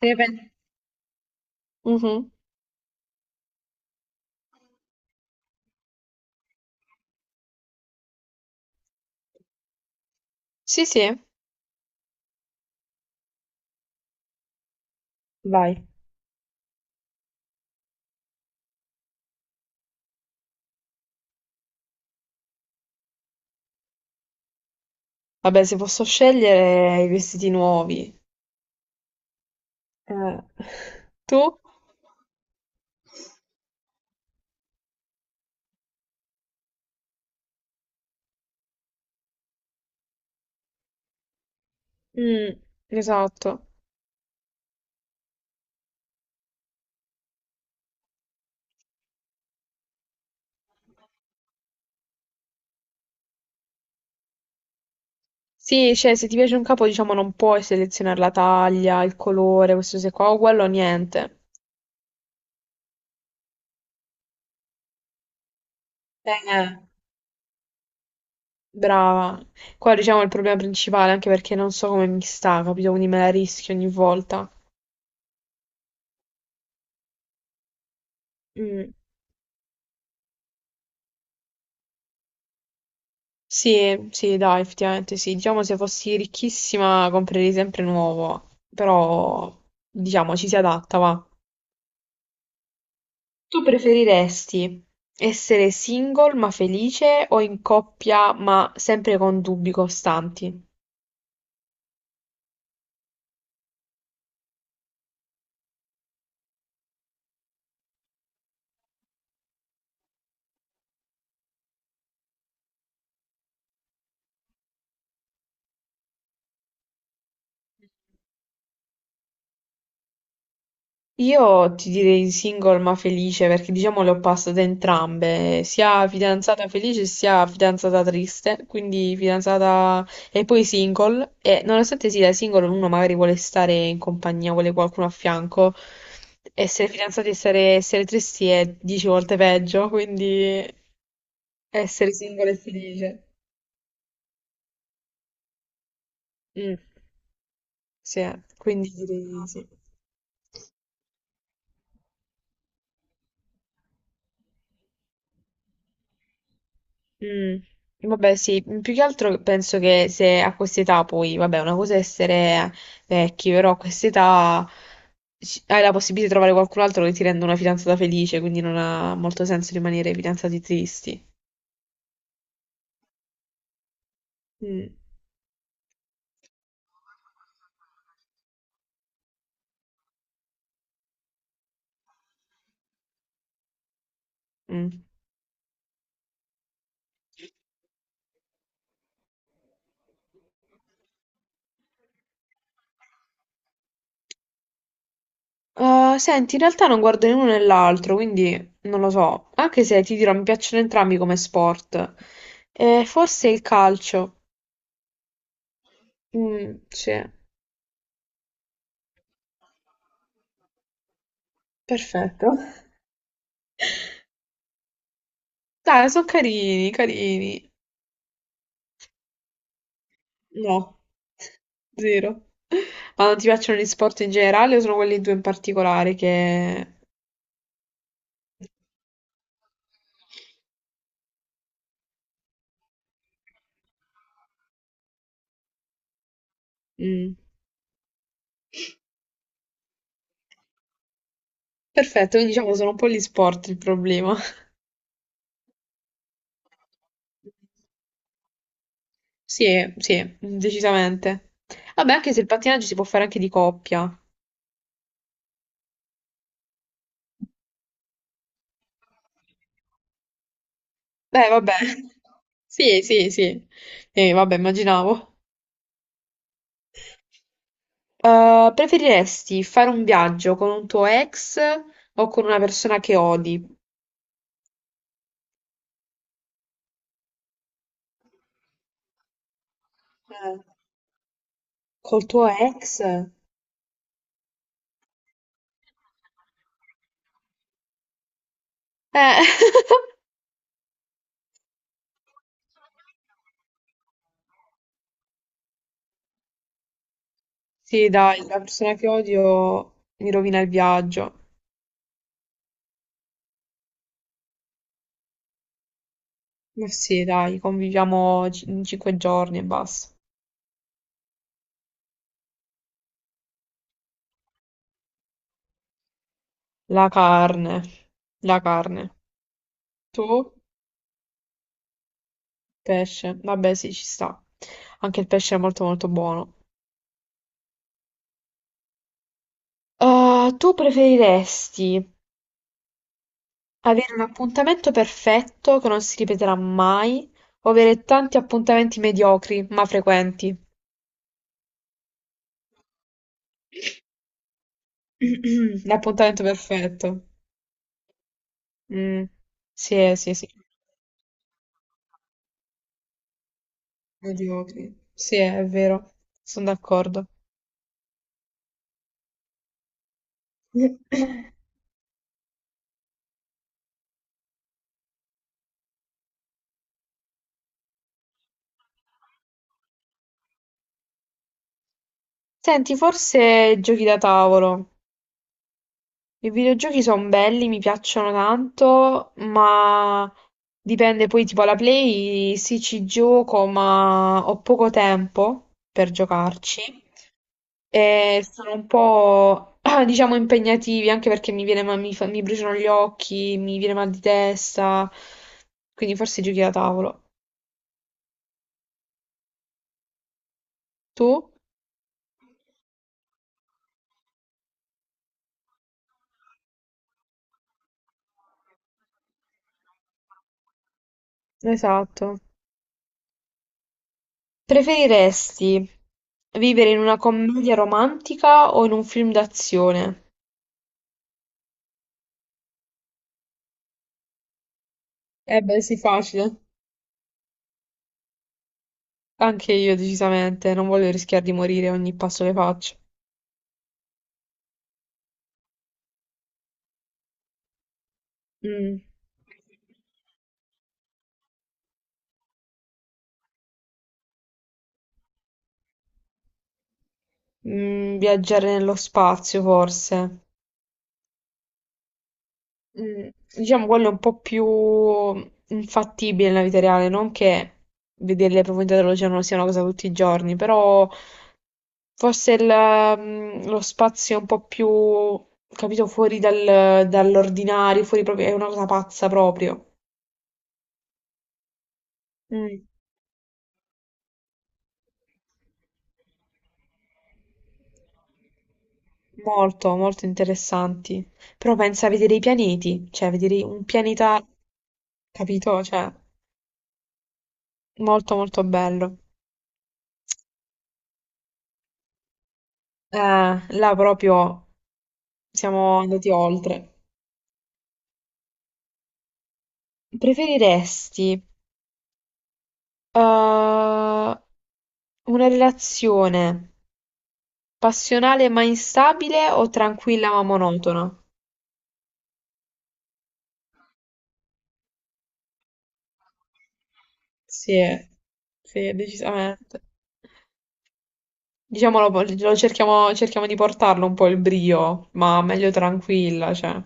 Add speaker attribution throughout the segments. Speaker 1: Te ne pen- Mhm. Sì, sì. Va- Vabbè, se posso scegliere i vestiti nuovi. Eh, Tu? Mm, esatto. Sì, cioè, se ti piace un capo, diciamo, non puoi selezionare la taglia, il colore, questo se qua, o quello, niente. eh, Brava. Qua, diciamo, è il problema principale, anche perché non so come mi sta, capito? Quindi me la rischio ogni volta. Mm. Sì, sì, dai, effettivamente sì. Diciamo se fossi ricchissima comprerei sempre nuovo, però diciamo ci si adatta, va. Tu preferiresti essere single ma felice o in coppia ma sempre con dubbi costanti? Io ti direi single ma felice perché diciamo le ho passate entrambe, sia fidanzata felice sia fidanzata triste, quindi fidanzata e poi single e nonostante sia single uno magari vuole stare in compagnia, vuole qualcuno a fianco, essere fidanzati e essere tristi è 10 volte peggio, quindi essere single e felice. Mm, sì, quindi direi sì. Mm, vabbè, sì, più che altro penso che se a quest'età poi, vabbè, una cosa è essere vecchi, però a quest'età hai la possibilità di trovare qualcun altro che ti renda una fidanzata felice, quindi non ha molto senso rimanere fidanzati tristi. Mm, mm. Senti, in realtà non guardo né uno né l'altro, quindi non lo so, anche se ti dirò, mi piacciono entrambi come sport. Forse il calcio. Mm, sì. Perfetto. Dai, sono carini, carini. No, zero. Ma non ti piacciono gli sport in generale o sono quelli due in particolare che... Mm. Perfetto, quindi diciamo sono un po' gli sport il problema. Sì, sì, decisamente. Vabbè, anche se il pattinaggio si può fare anche di coppia. Beh, vabbè. Sì, sì, sì. Vabbè, immaginavo. Preferiresti fare un viaggio con un tuo ex o con una persona che odi? Eh, col tuo ex? Eh, sì, dai, la persona che odio mi rovina il viaggio. Ma sì, dai, conviviamo 5 giorni e basta. La carne, la carne. Tu? Pesce. Vabbè, sì, ci sta. Anche il pesce è molto molto buono. Tu preferiresti avere un appuntamento perfetto che non si ripeterà mai, o avere tanti appuntamenti mediocri ma frequenti. L'appuntamento perfetto. Mm. Sì, sì, sì. Mediocri. Sì, è vero. Sono d'accordo. Senti, forse giochi da tavolo. I videogiochi son belli, mi piacciono tanto, ma dipende poi tipo alla Play, sì ci gioco, ma ho poco tempo per giocarci e sono un po' diciamo impegnativi anche perché mi viene mi, mi bruciano gli occhi, mi viene mal di testa, quindi forse giochi da tavolo. Tu? Esatto. Preferiresti vivere in una commedia romantica o in un film d'azione? Eh beh, sì, facile. Anche io, decisamente. Non voglio rischiare di morire ogni passo che faccio. Mm. Viaggiare nello spazio, forse. Mm, Diciamo quello è un po' più infattibile nella vita reale, non che vedere le profondità dell'oceano sia una cosa tutti i giorni, però forse lo spazio è un po' più, capito, fuori dall'ordinario, fuori proprio, è una cosa pazza proprio. Mm, Molto, molto interessanti. Però pensa a vedere i pianeti, cioè vedere un pianeta, capito? Cioè, molto molto bello. Eh, là proprio siamo andati oltre. Preferiresti una relazione passionale ma instabile o tranquilla ma monotona? Sì, sì, decisamente. Diciamolo, lo cerchiamo, cerchiamo di portarlo un po' il brio, ma meglio tranquilla, cioè.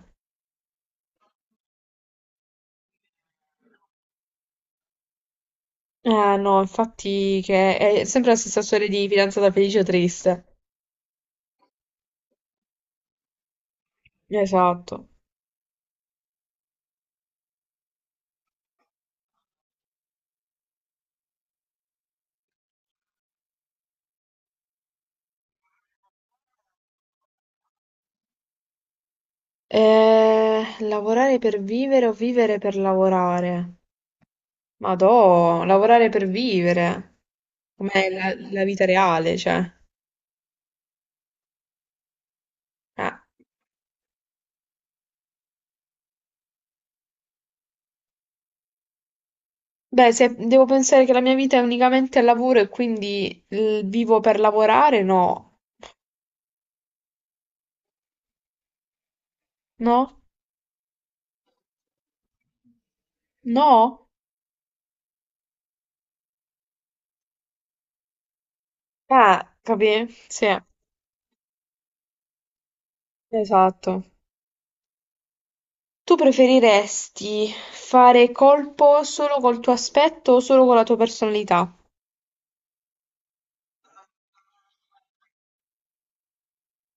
Speaker 1: Eh no, infatti che è sempre la stessa storia di fidanzata felice o triste. Esatto. Lavorare per vivere o vivere per lavorare? Madò, lavorare per vivere. Com'è la vita reale, cioè. Eh. Beh, se devo pensare che la mia vita è unicamente al lavoro e quindi vivo per lavorare, no. No? No? Ah, capì? Sì, esatto. Tu preferiresti fare colpo solo col tuo aspetto o solo con la tua personalità?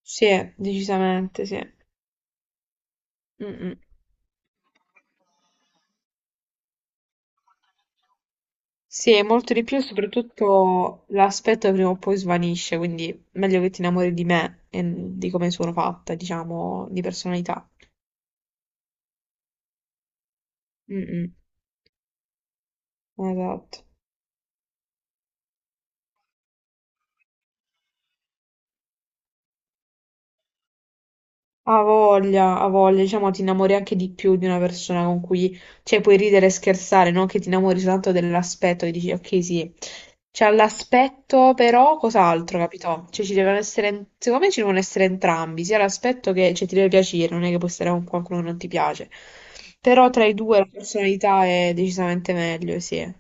Speaker 1: Sì, decisamente, sì. Mm, mm. Sì, è molto di più, e soprattutto l'aspetto prima o poi svanisce, quindi meglio che ti innamori di me e di come sono fatta, diciamo, di personalità. Mm, mm, esatto. Ha voglia, diciamo, ti innamori anche di più di una persona con cui, cioè, puoi ridere e scherzare, non che ti innamori soltanto dell'aspetto, e dici, ok, sì, c'ha l'aspetto, però cos'altro, capito? Cioè, ci devono essere, secondo me ci devono essere entrambi, sia l'aspetto che, cioè, ti deve piacere, non è che puoi stare con qualcuno che non ti piace, però tra i due la personalità è decisamente meglio, sì.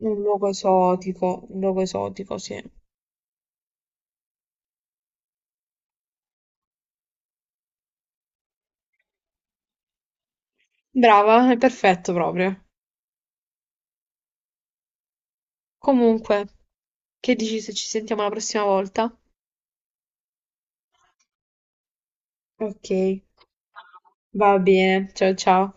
Speaker 1: Un luogo esotico, sì. Brava, è perfetto proprio. Comunque, che dici se ci sentiamo la prossima volta? Ok, va bene. Ciao ciao.